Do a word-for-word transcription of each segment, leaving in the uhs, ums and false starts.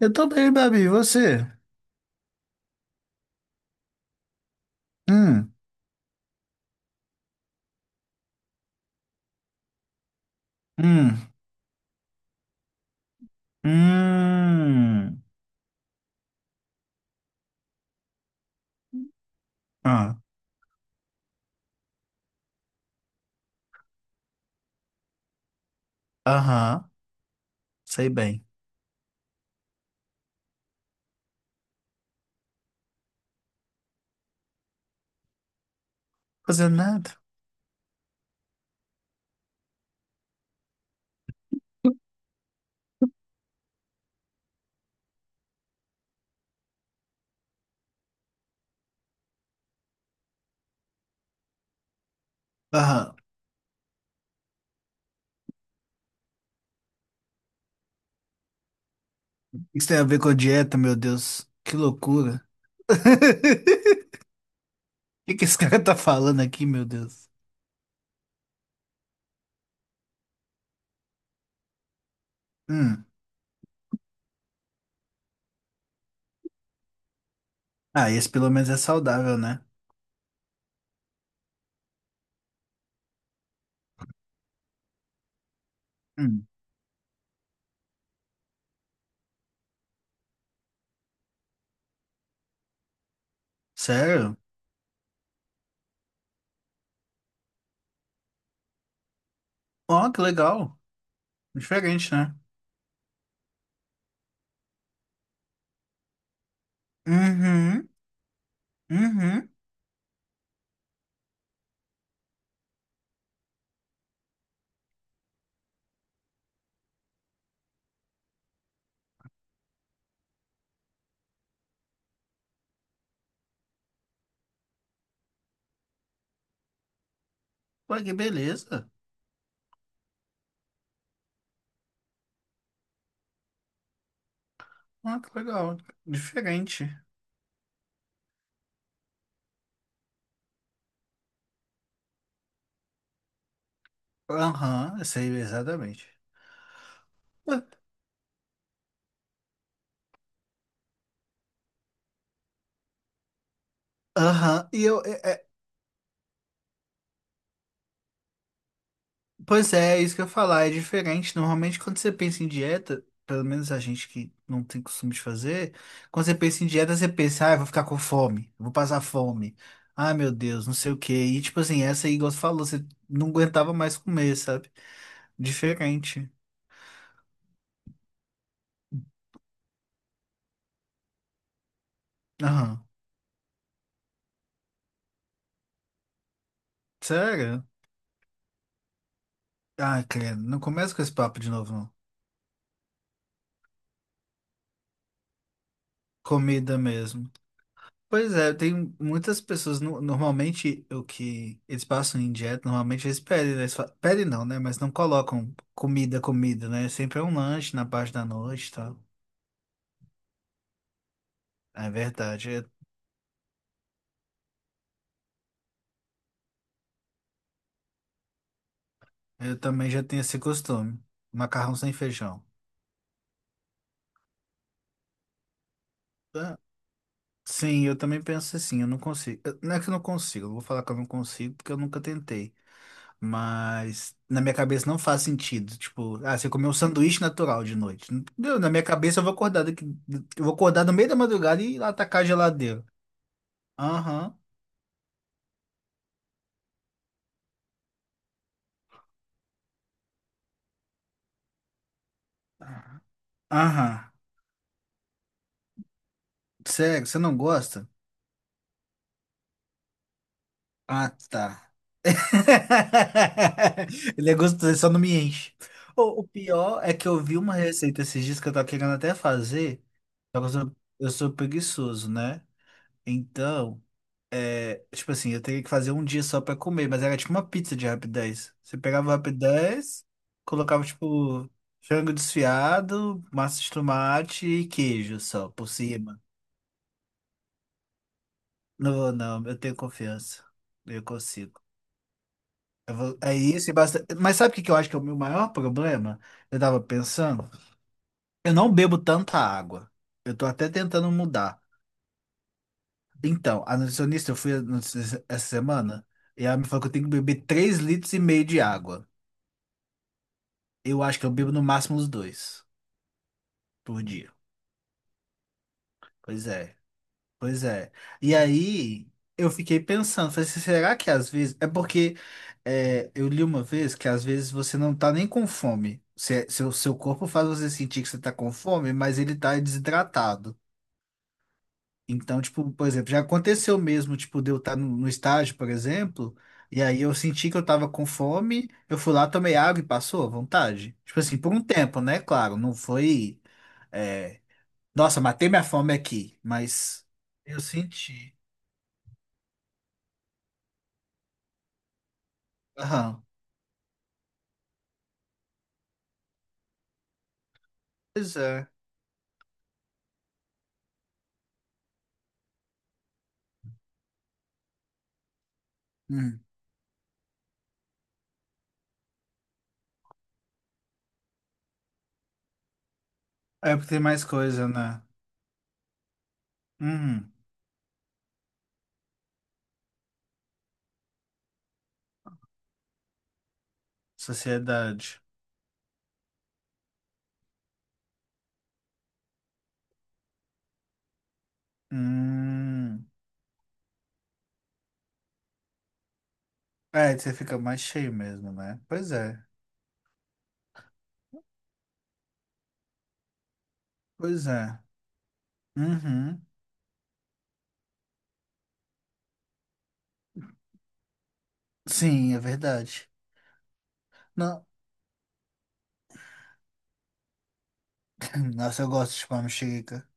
Eu tô bem, Babi. E você? Hum, hum, hum. Ah, aham, sei bem. Fazendo nada. Aham. Isso tem a ver com a dieta, meu Deus. Que loucura. O que que esse cara tá falando aqui, meu Deus? Hum. Ah, esse pelo menos é saudável, né? Hum. Sério? Ó, que legal. Diferente, né? Uhum, uhum. Pô, que beleza. Ó, que legal. Diferente. Aham, eu sei exatamente. Aham. E eu, é- é- pois é, é isso que eu ia falar, é diferente. Normalmente, quando você pensa em dieta, pelo menos a gente que não tem costume de fazer, quando você pensa em dieta, você pensa, ah, eu vou ficar com fome, eu vou passar fome, ah, meu Deus, não sei o quê. E tipo assim, essa aí, igual você falou, você não aguentava mais comer, sabe? Diferente. Aham. Sério? Ah, credo, não começa com esse papo de novo, não. Comida mesmo. Pois é, tem muitas pessoas, no- normalmente o que eles passam em dieta, normalmente eles pedem, né? Eles fa- pedem não, né? Mas não colocam comida, comida, né? Sempre é um lanche na parte da noite e tal. É verdade, eu, eu também já tenho esse costume. Macarrão sem feijão. Ah, sim, eu também penso assim, eu não consigo. Eu- Não é que eu não consigo, eu vou falar que eu não consigo porque eu nunca tentei. Mas na minha cabeça não faz sentido. Tipo, ah, você comeu um sanduíche natural de noite. Meu, na minha cabeça eu vou acordar daqui, eu vou acordar no meio da madrugada e ir lá atacar a geladeira. Aham, aham. Sério, você não gosta? Ah, tá. Ele é gostoso, só não me enche. O, o pior é que eu vi uma receita esses dias que eu tava querendo até fazer, só que eu sou, eu sou preguiçoso, né? Então, tipo assim, eu teria que fazer um dia só pra comer, mas era tipo uma pizza de rapidez. Você pegava o rapidez, colocava tipo frango desfiado, massa de tomate e queijo só por cima. Não, vou, não, eu tenho confiança. Eu consigo. Eu vou, é isso e basta. Mas sabe o que que eu acho que é o meu maior problema? Eu tava pensando, eu não bebo tanta água. Eu tô até tentando mudar. Então, a nutricionista, eu fui a nutricionista essa semana e ela me falou que eu tenho que beber três litros e meio de água. Eu acho que eu bebo no máximo os dois por dia. Pois é, pois é. E aí eu fiquei pensando, falei assim, será que às vezes. É porque é, eu li uma vez que às vezes você não tá nem com fome. Você- seu, seu corpo faz você sentir que você tá com fome, mas ele tá desidratado. Então, tipo, por exemplo, já aconteceu mesmo, tipo, de eu estar no, no estágio, por exemplo, e aí eu senti que eu tava com fome, eu fui lá, tomei água e passou à vontade. Tipo assim, por um tempo, né? Claro, não foi. é, Nossa, matei minha fome aqui, mas eu senti. Aham. Pois é. Hum. É porque tem mais coisa, né? Hum. Sociedade. Hum. É, você fica mais cheio mesmo, né? Pois é. Pois é. Uhum. Sim, é verdade. Não. Nossa, eu gosto de pão mexica.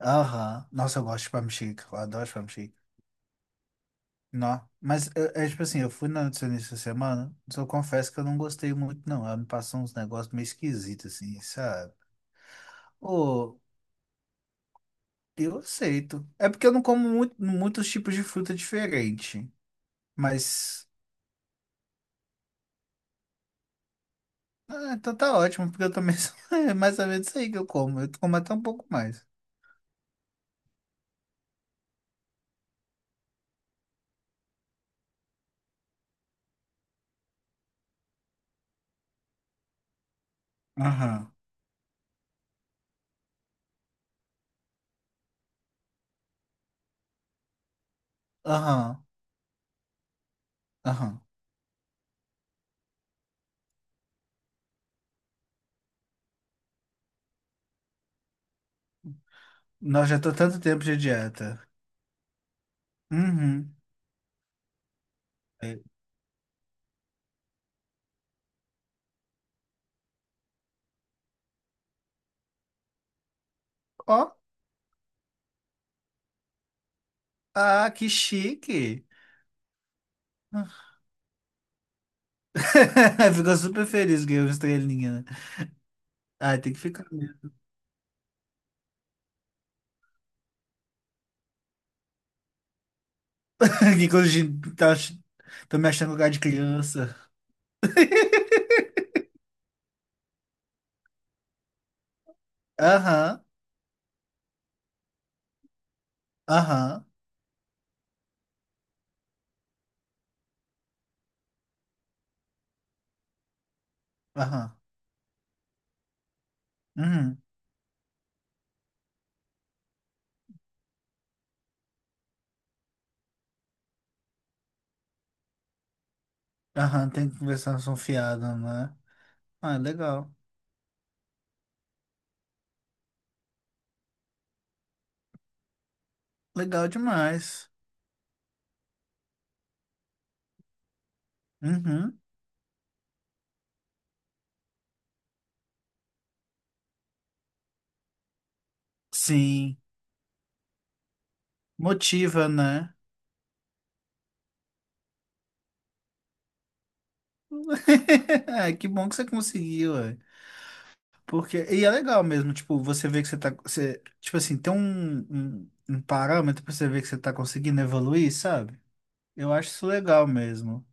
Aham. Nossa, eu gosto de pão mexica. Eu adoro pão mexica. Não. Mas eu- é tipo assim, eu fui na nutricionista essa semana, mas eu confesso que eu não gostei muito, não. Ela me passou uns negócios meio esquisitos, assim, sabe? Ô, eu aceito. É porque eu não como muito- muitos tipos de fruta diferente. Mas. Ah, então tá ótimo, porque eu também sou é mais ou menos isso aí que eu como. Eu como até um pouco mais. Aham. Aham, aham. Nós já tô tanto tempo de dieta. Uhum. É. Ó, ah, que chique. Ficou super feliz que eu estrelinha, né? Ah, tem que ficar mesmo. Que quando a gente tá, ach- tô me achando lugar de criança. Aham, aham, aham. Uhum. Aham, tem conversação fiada, né? Ah, legal. Legal demais. Uhum. Sim. Motiva, né? É, que bom que você conseguiu, ué. Porque, e é legal mesmo, tipo, você vê que você tá, você, tipo assim, tem um, um, um parâmetro pra você ver que você tá conseguindo evoluir, sabe? Eu acho isso legal mesmo.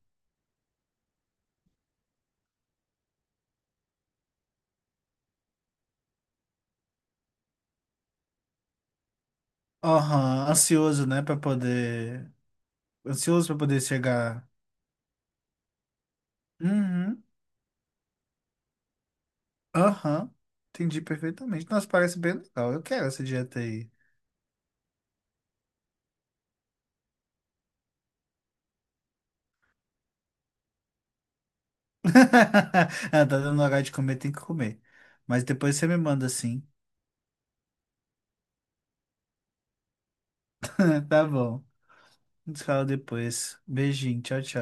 Aham, ansioso, né, pra poder, ansioso pra poder chegar. Uhum. Aham, entendi perfeitamente. Nossa, parece bem legal. Eu quero essa dieta aí. Ah, tá dando hora de comer, tem que comer. Mas depois você me manda sim. Tá bom. A gente se fala depois. Beijinho, tchau, tchau.